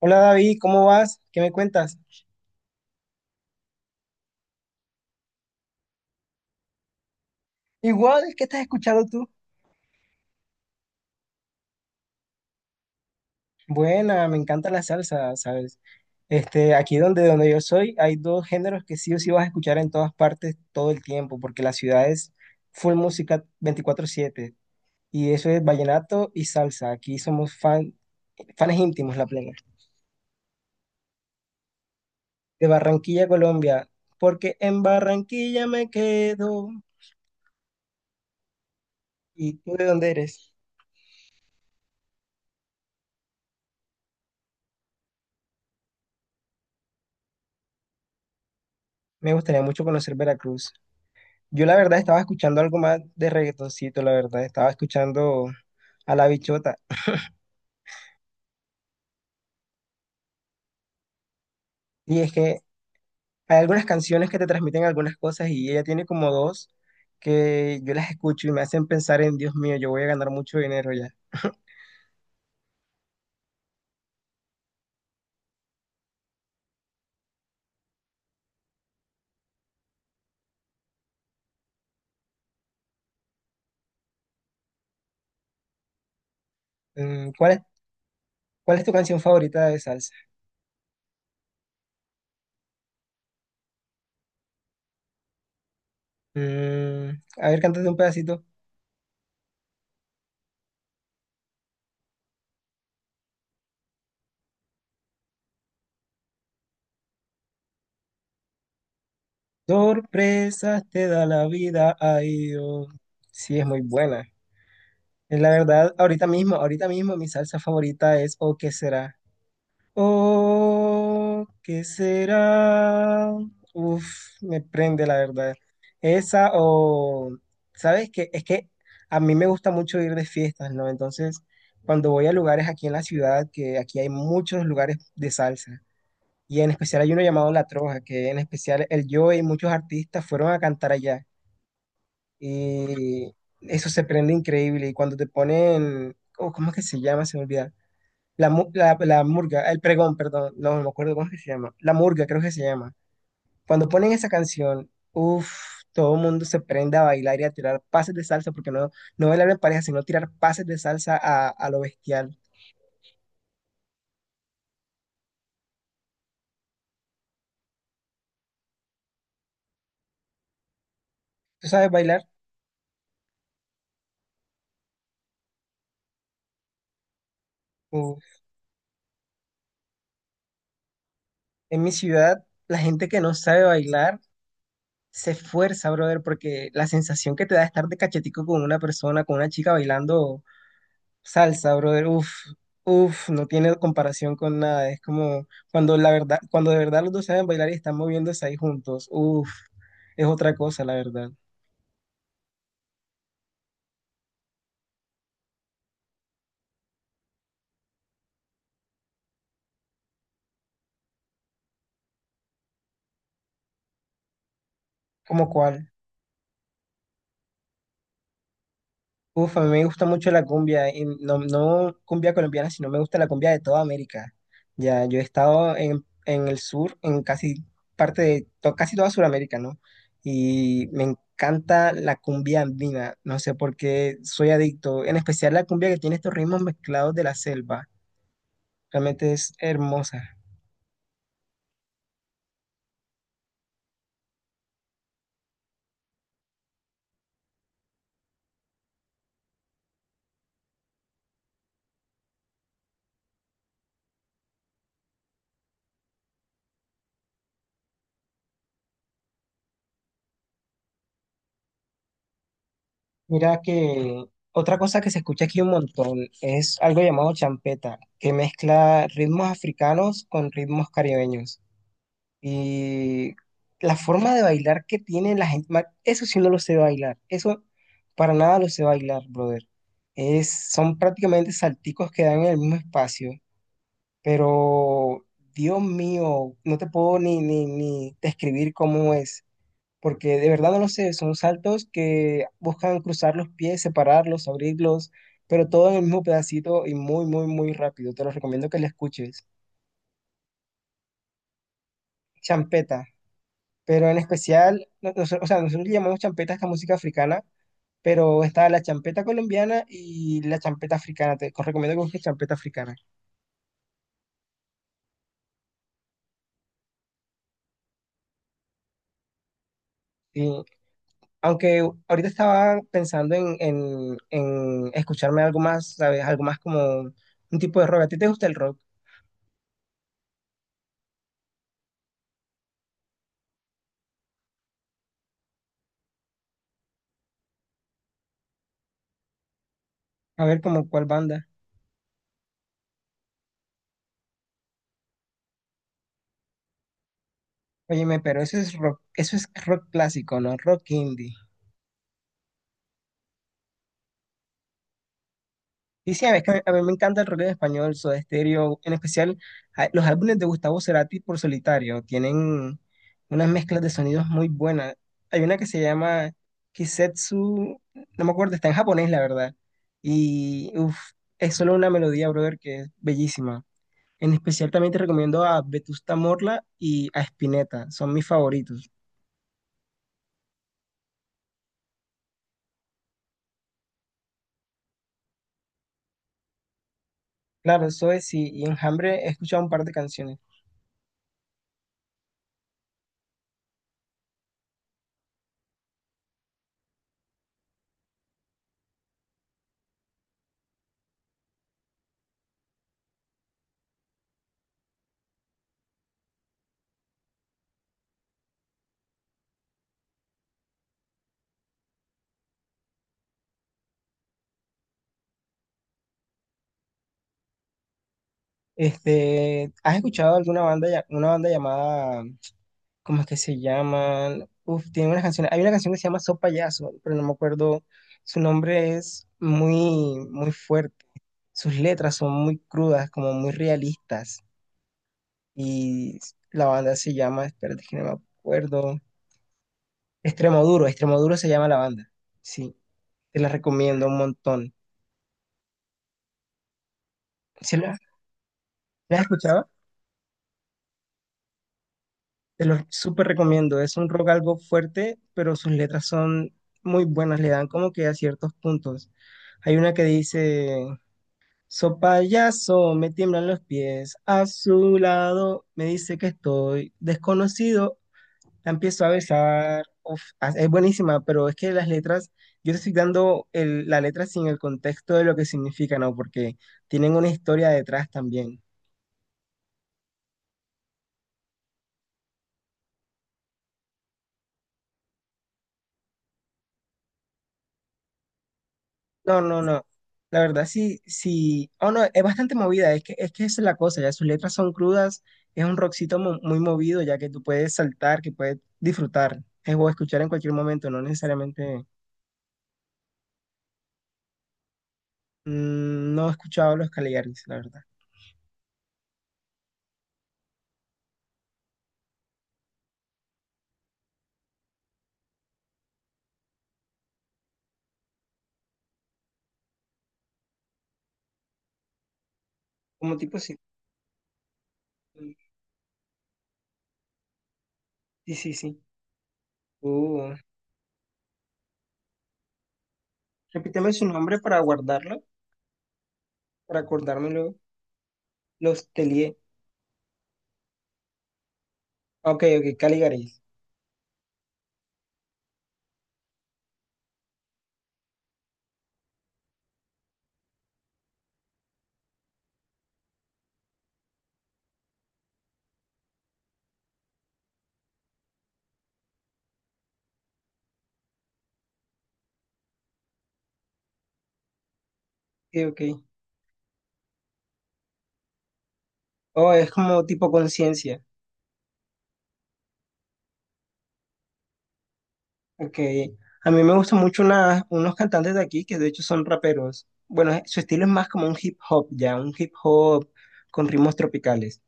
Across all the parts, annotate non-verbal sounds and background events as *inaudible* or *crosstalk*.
Hola David, ¿cómo vas? ¿Qué me cuentas? Igual, ¿qué estás escuchando tú? Buena, me encanta la salsa, ¿sabes? Este, aquí donde yo soy hay dos géneros que sí o sí vas a escuchar en todas partes todo el tiempo, porque la ciudad es full música 24/7 y eso es vallenato y salsa. Aquí somos fan, fans íntimos, la plena. De Barranquilla, Colombia, porque en Barranquilla me quedo. ¿Y tú de dónde eres? Me gustaría mucho conocer Veracruz. Yo la verdad estaba escuchando algo más de reggaetoncito, la verdad, estaba escuchando a La Bichota. Y es que hay algunas canciones que te transmiten algunas cosas y ella tiene como dos que yo las escucho y me hacen pensar en, Dios mío, yo voy a ganar mucho dinero ya. Mm, ¿cuál es tu canción favorita de salsa? Mm, a ver, cántate un pedacito. Sorpresas te da la vida, ay Dios. Sí, es muy buena. Es la verdad, ahorita mismo mi salsa favorita es ¿o qué será? Oh, ¿qué será? Uf, me prende la verdad. Esa o, ¿sabes qué? Es que a mí me gusta mucho ir de fiestas, ¿no? Entonces, cuando voy a lugares aquí en la ciudad, que aquí hay muchos lugares de salsa, y en especial hay uno llamado La Troja, que en especial el yo y muchos artistas fueron a cantar allá. Y eso se prende increíble. Y cuando te ponen, oh, ¿cómo es que se llama? Se me olvida la murga, el pregón, perdón, no me acuerdo cómo es que se llama. La murga, creo que se llama. Cuando ponen esa canción, uff, todo el mundo se prende a bailar y a tirar pases de salsa, porque no, no bailar en pareja, sino tirar pases de salsa a lo bestial. ¿Tú sabes bailar? Uf. En mi ciudad, la gente que no sabe bailar se esfuerza, brother, porque la sensación que te da estar de cachetico con una persona, con una chica bailando, salsa, brother, uff, uff, no tiene comparación con nada. Es como cuando la verdad, cuando de verdad los dos saben bailar y están moviéndose ahí juntos, uff, es otra cosa, la verdad. ¿Cómo cuál? Uff, a mí me gusta mucho la cumbia, y no, no cumbia colombiana, sino me gusta la cumbia de toda América. Ya, yo he estado en el sur, en casi parte de to- casi toda Sudamérica, ¿no? Y me encanta la cumbia andina, no sé por qué soy adicto, en especial la cumbia que tiene estos ritmos mezclados de la selva. Realmente es hermosa. Mira que otra cosa que se escucha aquí un montón es algo llamado champeta, que mezcla ritmos africanos con ritmos caribeños. Y la forma de bailar que tiene la gente, ma- eso sí no lo sé bailar, eso para nada lo sé bailar, brother. Es, son prácticamente salticos que dan en el mismo espacio, pero Dios mío, no te puedo ni describir cómo es. Porque de verdad no lo sé, son saltos que buscan cruzar los pies, separarlos, abrirlos, pero todo en el mismo pedacito y muy, muy, muy rápido. Te lo recomiendo que la escuches. Champeta, pero en especial, no- nos- o sea, nosotros le llamamos champeta a esta música africana, pero está la champeta colombiana y la champeta africana. Te os recomiendo que busques champeta africana. Y aunque ahorita estaba pensando en escucharme algo más, ¿sabes? Algo más como un tipo de rock. ¿A ti te gusta el rock? A ver, como cuál banda. Óyeme, pero eso es rock clásico, ¿no? Rock indie. Y sí, es que a mí me encanta el rock en español, Soda Stereo, en especial a- los álbumes de Gustavo Cerati por solitario. Tienen unas mezclas de sonidos muy buenas. Hay una que se llama Kisetsu, no me acuerdo, está en japonés, la verdad. Y uf, es solo una melodía, brother, que es bellísima. En especial también te recomiendo a Vetusta Morla y a Spinetta, son mis favoritos. Claro, eso es, y Enjambre he escuchado un par de canciones. Este, ¿has escuchado alguna banda, ya- una banda llamada, ¿cómo es que se llaman? Uf, tiene unas canciones. Hay una canción que se llama So Payaso, pero no me acuerdo. Su nombre es muy, muy fuerte. Sus letras son muy crudas, como muy realistas. Y la banda se llama, espérate que no me acuerdo. Extremo Duro, Extremo Duro se llama la banda. Sí, te la recomiendo un montón. ¿Se la, la has escuchado? Te lo súper recomiendo. Es un rock algo fuerte, pero sus letras son muy buenas. Le dan como que a ciertos puntos. Hay una que dice, so payaso, me tiemblan los pies. A su lado me dice que estoy desconocido. La empiezo a besar. Uf, ah, es buenísima, pero es que las letras, yo te estoy dando el- la letra sin el contexto de lo que significan, ¿no? Porque tienen una historia detrás también. No, no, no. La verdad, sí, sí. Oh, no, es bastante movida. Es que esa es la cosa. Ya sus letras son crudas. Es un rockcito mo- muy movido, ya que tú puedes saltar, que puedes disfrutar o escuchar en cualquier momento. No necesariamente. Mm, no he escuchado a los Caligaris, la verdad. Como tipo, sí. Sí, sí, sí. Uh, repíteme su nombre para guardarlo, para acordármelo. Los Telie. Ok, ok, Caligaris. Ok, ok. Oh, es como tipo conciencia. Ok, a mí me gustan mucho una- unos cantantes de aquí que de hecho son raperos. Bueno, su estilo es más como un hip hop, ya, un hip hop con ritmos tropicales.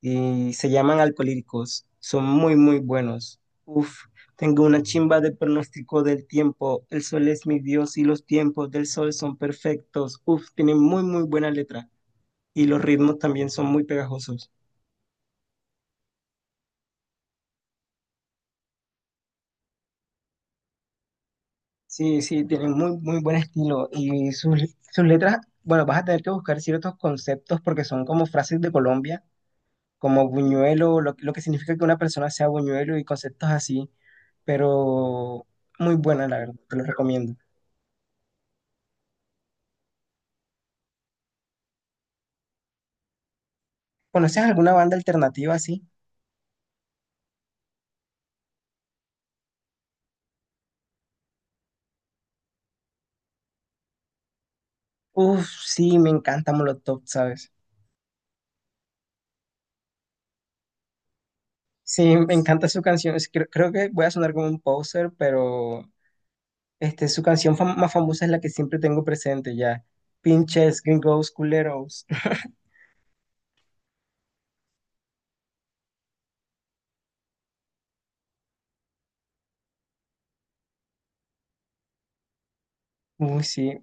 Y se llaman Alcolíricos. Son muy, muy buenos. Uf, tengo una chimba de pronóstico del tiempo. El sol es mi Dios y los tiempos del sol son perfectos. Uf, tienen muy, muy buena letra. Y los ritmos también son muy pegajosos. Sí, sí, tiene muy, muy buen estilo y sus, sus letras, bueno, vas a tener que buscar ciertos conceptos porque son como frases de Colombia, como buñuelo, lo que significa que una persona sea buñuelo y conceptos así, pero muy buena, la verdad, te lo recomiendo. ¿Conoces alguna banda alternativa así? Uf, sí, me encanta Molotov, ¿sabes? Sí, me encanta su canción, es- creo que voy a sonar como un poser, pero este, su canción fam- más famosa es la que siempre tengo presente ya, Pinches Gringos Culeros. Uy, sí.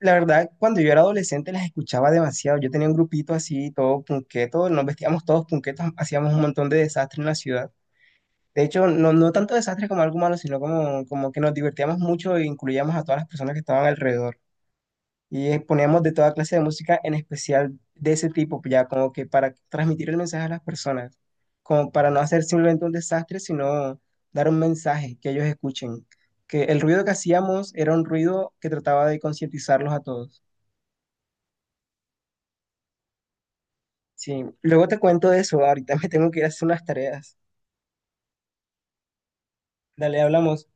La verdad, cuando yo era adolescente las escuchaba demasiado. Yo tenía un grupito así, todo punqueto, nos vestíamos todos punquetos, hacíamos un montón de desastres en la ciudad. De hecho, no, no tanto desastres como algo malo, sino como que nos divertíamos mucho e incluíamos a todas las personas que estaban alrededor. Y poníamos de toda clase de música, en especial de ese tipo, ya como que para transmitir el mensaje a las personas, como para no hacer simplemente un desastre, sino dar un mensaje que ellos escuchen. Que el ruido que hacíamos era un ruido que trataba de concientizarlos a todos. Sí, luego te cuento de eso, ahorita *laughs* me tengo que ir a hacer unas tareas. Dale, hablamos.